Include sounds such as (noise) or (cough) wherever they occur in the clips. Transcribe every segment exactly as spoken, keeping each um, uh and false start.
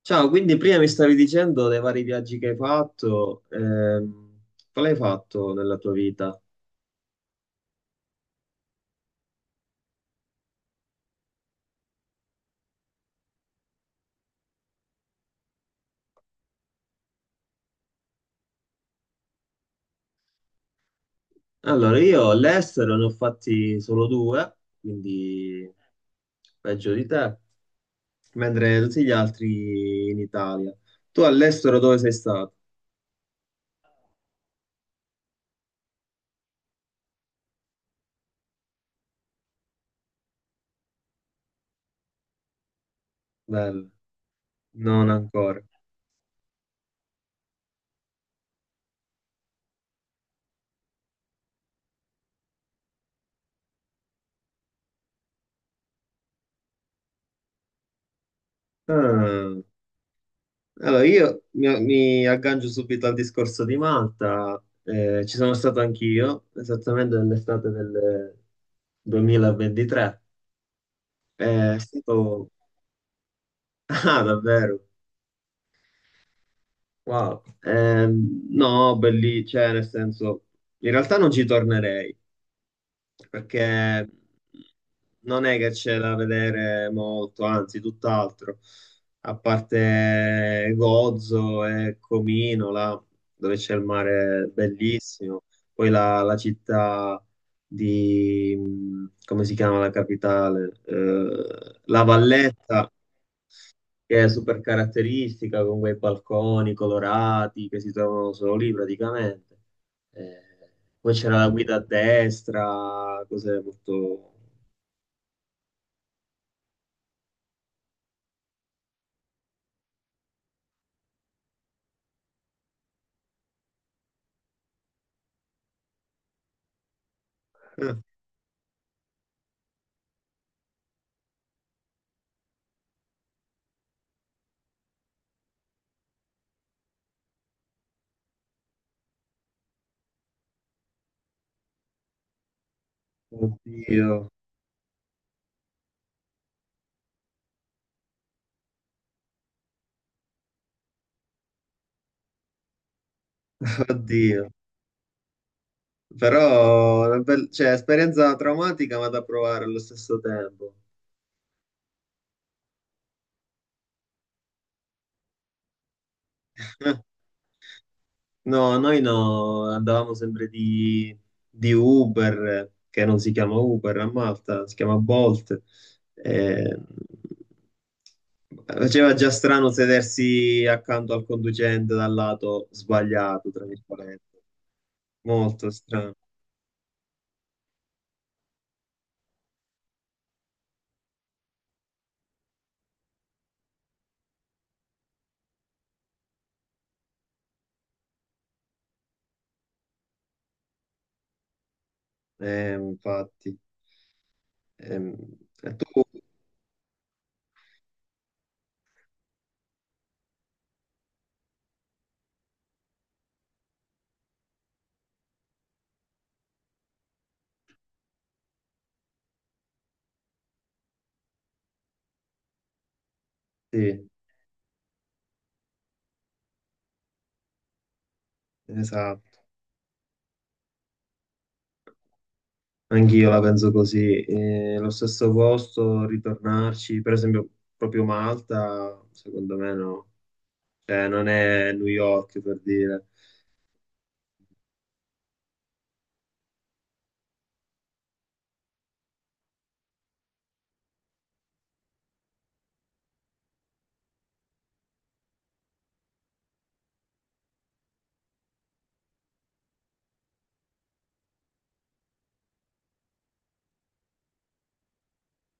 Ciao, quindi prima mi stavi dicendo dei vari viaggi che hai fatto, ehm, quale hai fatto nella tua vita? Allora, io all'estero ne ho fatti solo due, quindi peggio di te, mentre tutti gli altri in Italia. Tu all'estero dove sei stato? Bello, non ancora. Ah, allora, io mi, mi aggancio subito al discorso di Malta. Eh, ci sono stato anch'io, esattamente nell'estate del duemilaventitré. È stato... (laughs) Ah, davvero? Wow. Ehm, no, belli, cioè, nel senso, in realtà non ci tornerei, perché non è che c'è da vedere molto, anzi, tutt'altro. A parte Gozo e Comino, là, dove c'è il mare bellissimo, poi la, la città di... Come si chiama la capitale? Eh, La Valletta, che è super caratteristica con quei balconi colorati che si trovano solo lì praticamente. Eh, poi c'era la guida a destra, cose molto... Oddio, oddio. Però, una bel- cioè, esperienza traumatica ma da provare allo stesso tempo. (laughs) No, noi no, andavamo sempre di, di Uber, eh, che non si chiama Uber a Malta, si chiama Bolt. Eh, Faceva già strano sedersi accanto al conducente dal lato sbagliato, tra virgolette. Molto strano. Eh, infatti. Ehm, e tu? Sì, esatto. Anch'io la penso così. Eh, lo stesso posto, ritornarci, per esempio, proprio Malta, secondo me no. Cioè, non è New York per dire.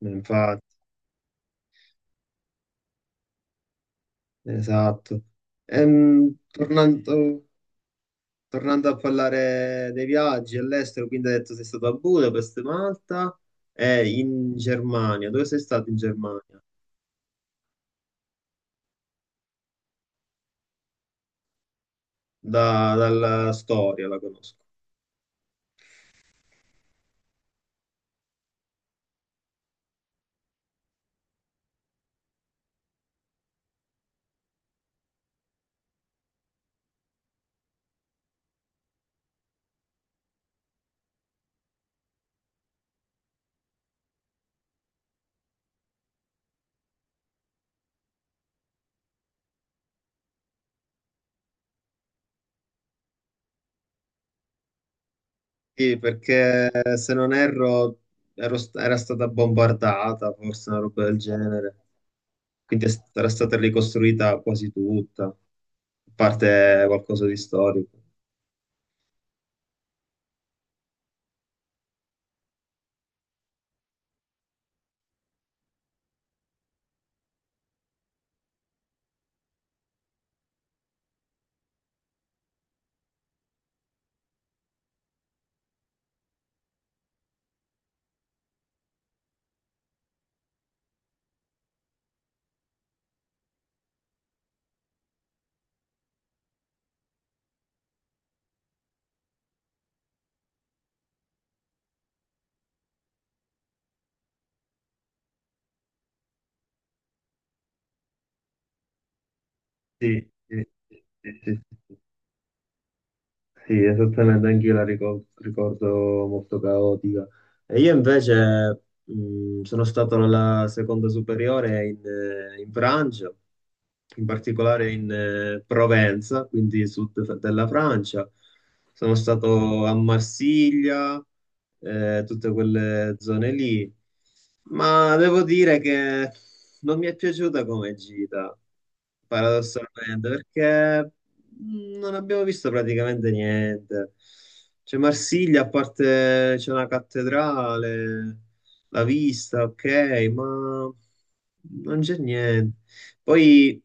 No, infatti, esatto. Ehm, tornando, tornando a parlare dei viaggi all'estero, quindi hai detto sei stato a Budapest, Malta e in Germania. Dove sei stato in Germania? Da- dalla storia la conosco. Sì, perché se non erro, ero st- era stata bombardata, forse una roba del genere. Quindi è st- era stata ricostruita quasi tutta, a parte qualcosa di storico. Sì, sì, sì, sì, sì, sì, esattamente, anch'io la ricor- ricordo molto caotica. E io invece mh, sono stato alla seconda superiore in, eh, in Francia, in particolare in eh, Provenza, quindi sud della Francia. Sono stato a Marsiglia, eh, tutte quelle zone lì, ma devo dire che non mi è piaciuta come gita, paradossalmente, perché... Non abbiamo visto praticamente niente. C'è Marsiglia, a parte c'è una cattedrale, la vista, ok, ma non c'è niente. Poi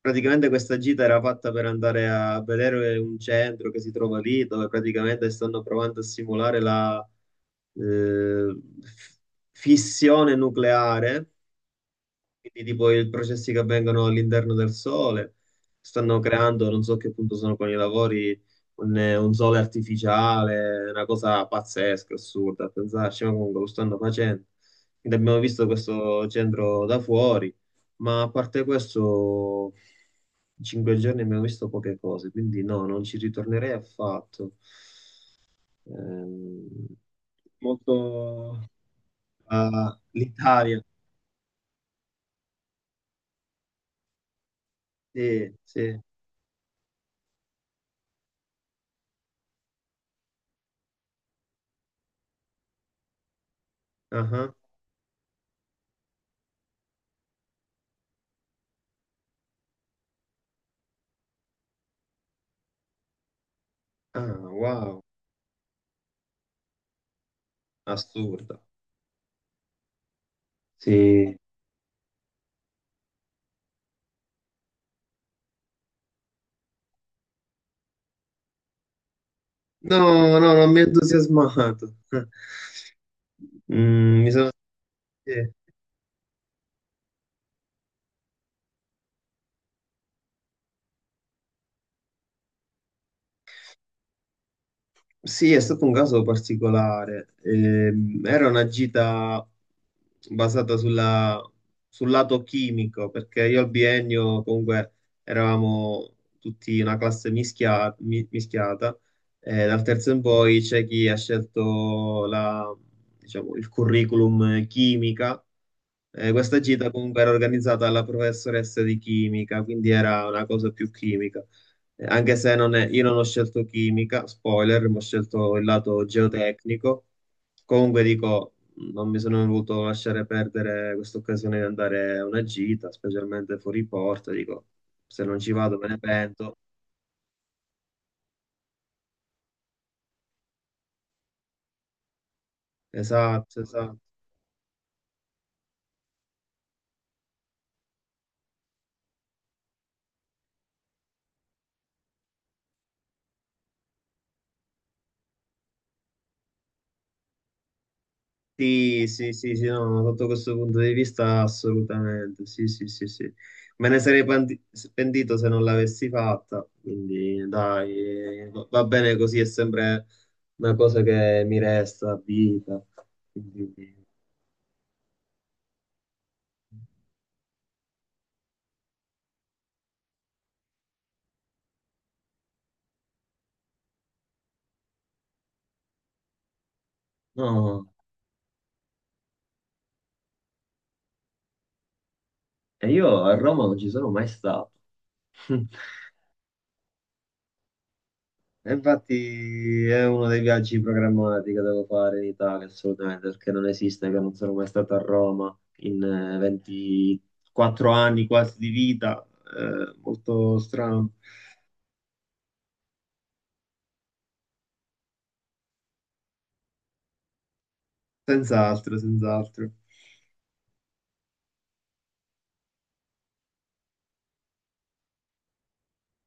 praticamente questa gita era fatta per andare a vedere un centro che si trova lì, dove praticamente stanno provando a simulare la eh, f- fissione nucleare, quindi tipo i processi che avvengono all'interno del Sole. Stanno creando, non so a che punto sono con i lavori, un, un Sole artificiale, una cosa pazzesca, assurda, a pensarci, ma comunque lo stanno facendo. Quindi abbiamo visto questo centro da fuori, ma a parte questo, in cinque giorni abbiamo visto poche cose, quindi no, non ci ritornerei affatto. Ehm, molto... Ah, l'Italia, sì, sì. Ah, ah. Ah, wow, assurdo. Sì. No, no, non mi ha entusiasmato. (laughs) Mm, mi sono- eh, sì, è stato un caso particolare. Ehm, era una gita basata sulla- sul lato chimico, perché io al biennio comunque eravamo tutti una classe mischia- mi- mischiata, e dal terzo in poi c'è chi ha scelto la- diciamo, il curriculum chimica. Eh, questa gita comunque era organizzata dalla professoressa di chimica, quindi era una cosa più chimica. Eh, Anche se non è- io non ho scelto chimica, spoiler, ma ho scelto il lato geotecnico. Comunque dico, non mi sono voluto lasciare perdere questa occasione di andare a una gita, specialmente fuori porta. Dico, se non ci vado me ne pento. Esatto, esatto. Sì, sì, sì, sì, no, no, sotto questo punto di vista assolutamente, sì, sì, sì, sì. Me ne sarei pandi- pentito se non l'avessi fatta, quindi dai, eh, va bene così, è sempre una cosa che mi resta a vita. Quindi, no, e io a Roma non ci sono mai stato. (laughs) E infatti è uno dei viaggi programmati che devo fare in Italia, assolutamente, perché non esiste che non sono mai stato a Roma in eh, ventiquattro anni quasi di vita, eh, molto strano, senz'altro, senz'altro.